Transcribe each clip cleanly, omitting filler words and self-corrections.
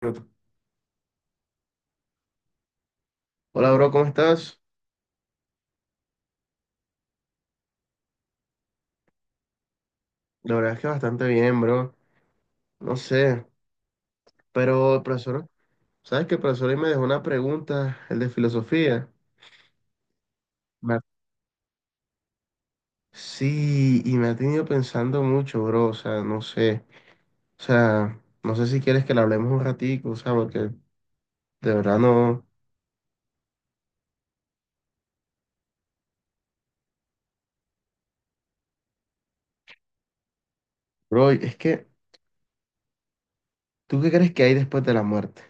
Minuto. Hola, bro, ¿cómo estás? La verdad es que bastante bien, bro. No sé, pero el profesor, ¿sabes que el profesor hoy me dejó una pregunta, el de filosofía? Me- ha- Sí, y me ha tenido pensando mucho, bro. O sea, no sé. O sea, no sé si quieres que le hablemos un ratico, o sea, porque de verdad no. Bro, es que, ¿tú qué crees que hay después de la muerte?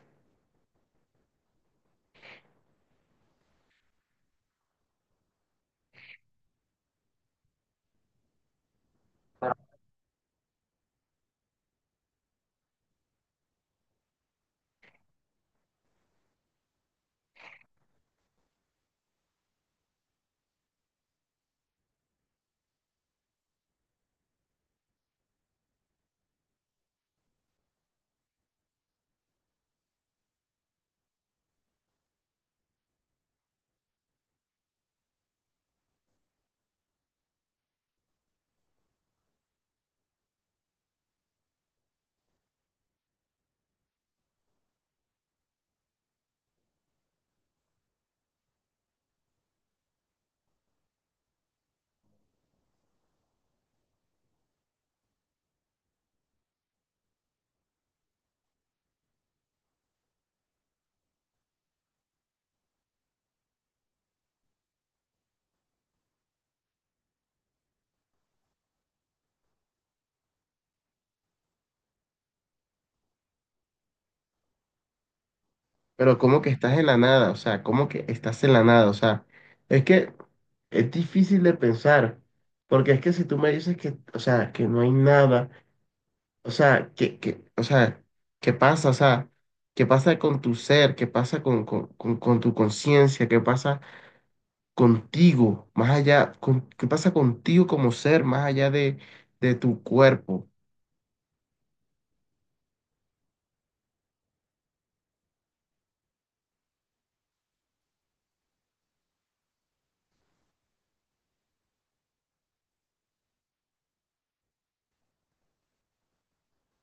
Pero como que estás en la nada, o sea, como que estás en la nada, o sea, es que es difícil de pensar, porque es que si tú me dices que, o sea, que no hay nada, o sea, que, o sea, ¿qué pasa? O sea, ¿qué pasa con tu ser? ¿Qué pasa con tu conciencia? ¿Qué pasa contigo, más allá, qué pasa contigo como ser, más allá de tu cuerpo?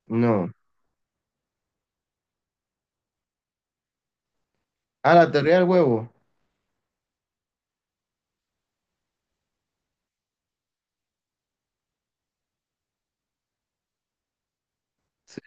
No. Ah, la teoría del huevo. Sí.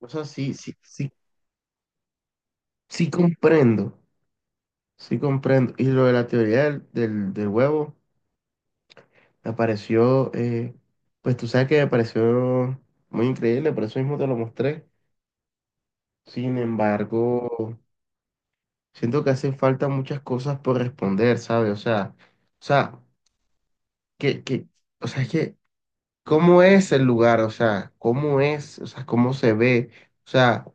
O sea, sí, sí comprendo. Sí, comprendo. Y lo de la teoría del huevo me pareció, pues tú sabes que me pareció muy increíble, por eso mismo te lo mostré. Sin embargo, siento que hacen falta muchas cosas por responder, ¿sabes? O sea, que, o sea, es que, ¿cómo es el lugar? O sea, ¿cómo es? O sea, ¿cómo se ve? O sea,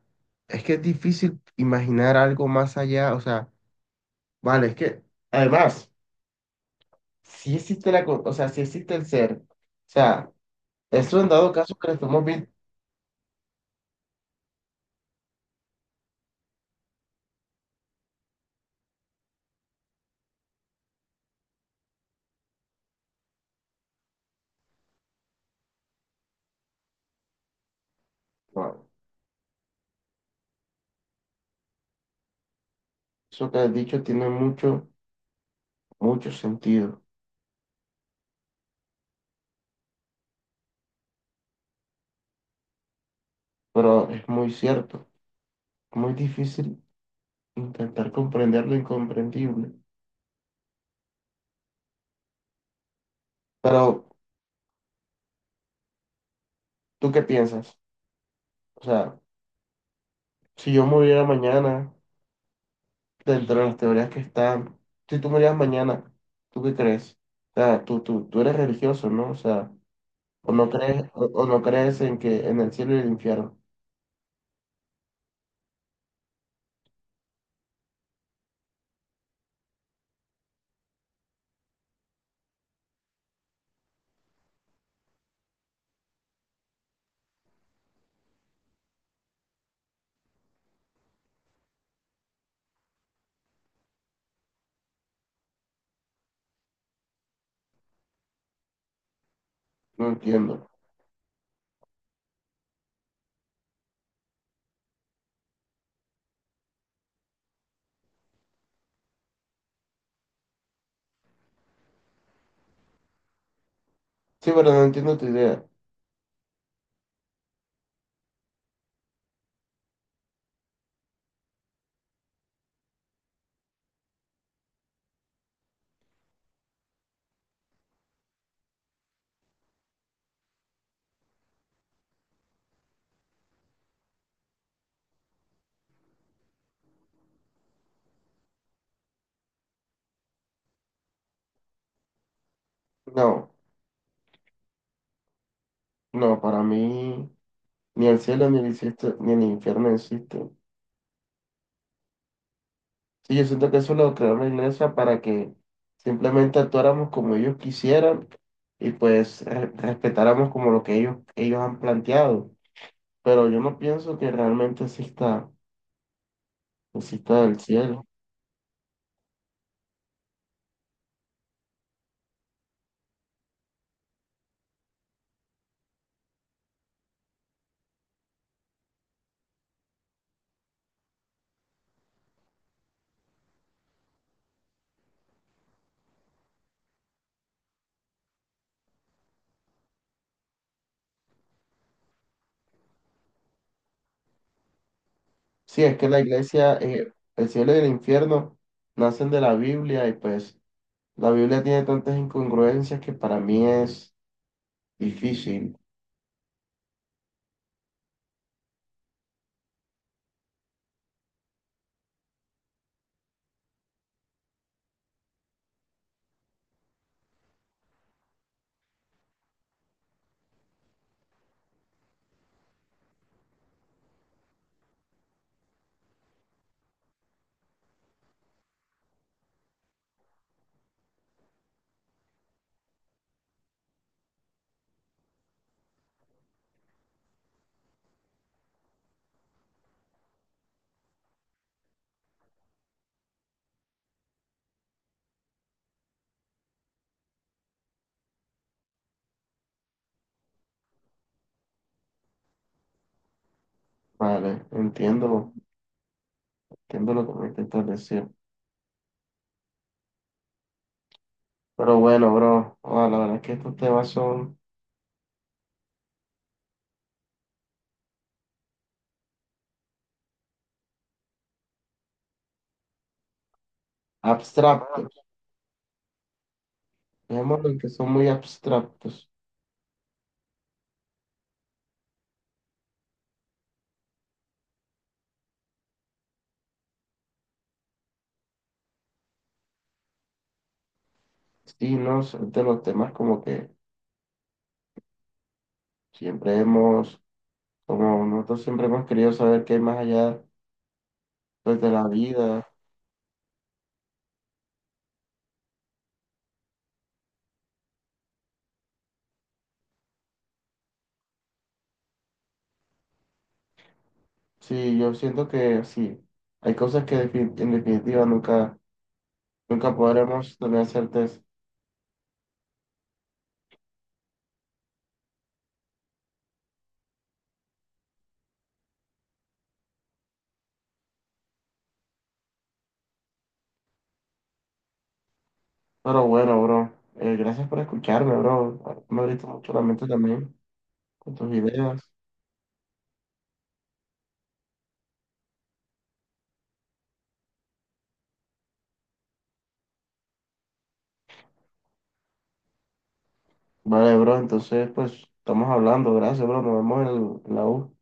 es que es difícil imaginar algo más allá. O sea, vale, es que, además. Sí existe la, o sea, sí existe el ser. O sea, eso en dado caso que lo estamos viendo, bueno, eso que has dicho tiene mucho sentido, pero es muy cierto, muy difícil intentar comprender lo incomprendible. Pero, ¿tú qué piensas? O sea, si yo muriera mañana, dentro de las teorías que están, si tú murieras mañana, ¿tú qué crees? O sea, tú eres religioso, ¿no? O sea, o no crees, o no crees en que en el cielo y el infierno. No entiendo. Sí, pero no entiendo tu idea. No, no, para mí ni el cielo ni ni el infierno existen. Sí, yo siento que eso lo creó la iglesia para que simplemente actuáramos como ellos quisieran y pues respetáramos como lo que ellos han planteado. Pero yo no pienso que realmente exista el cielo. Sí, es que la iglesia, el cielo y el infierno nacen de la Biblia y pues la Biblia tiene tantas incongruencias que para mí es difícil. Vale, entiendo, entiendo lo que me intentas decir. Pero bueno, bro, ah, la verdad es que estos temas son abstractos. Dejémoslo en que son muy abstractos. Sí, no, son de los temas como que siempre hemos, como nosotros siempre hemos querido saber qué hay más allá, pues, de la vida. Sí, yo siento que sí, hay cosas que en definitiva nunca, nunca podremos tener certeza. Pero bueno, bro, gracias por escucharme, bro. Me abriste mucho la mente también con tus ideas. Vale, bro, entonces, pues, estamos hablando. Gracias, bro. Nos vemos en en la U.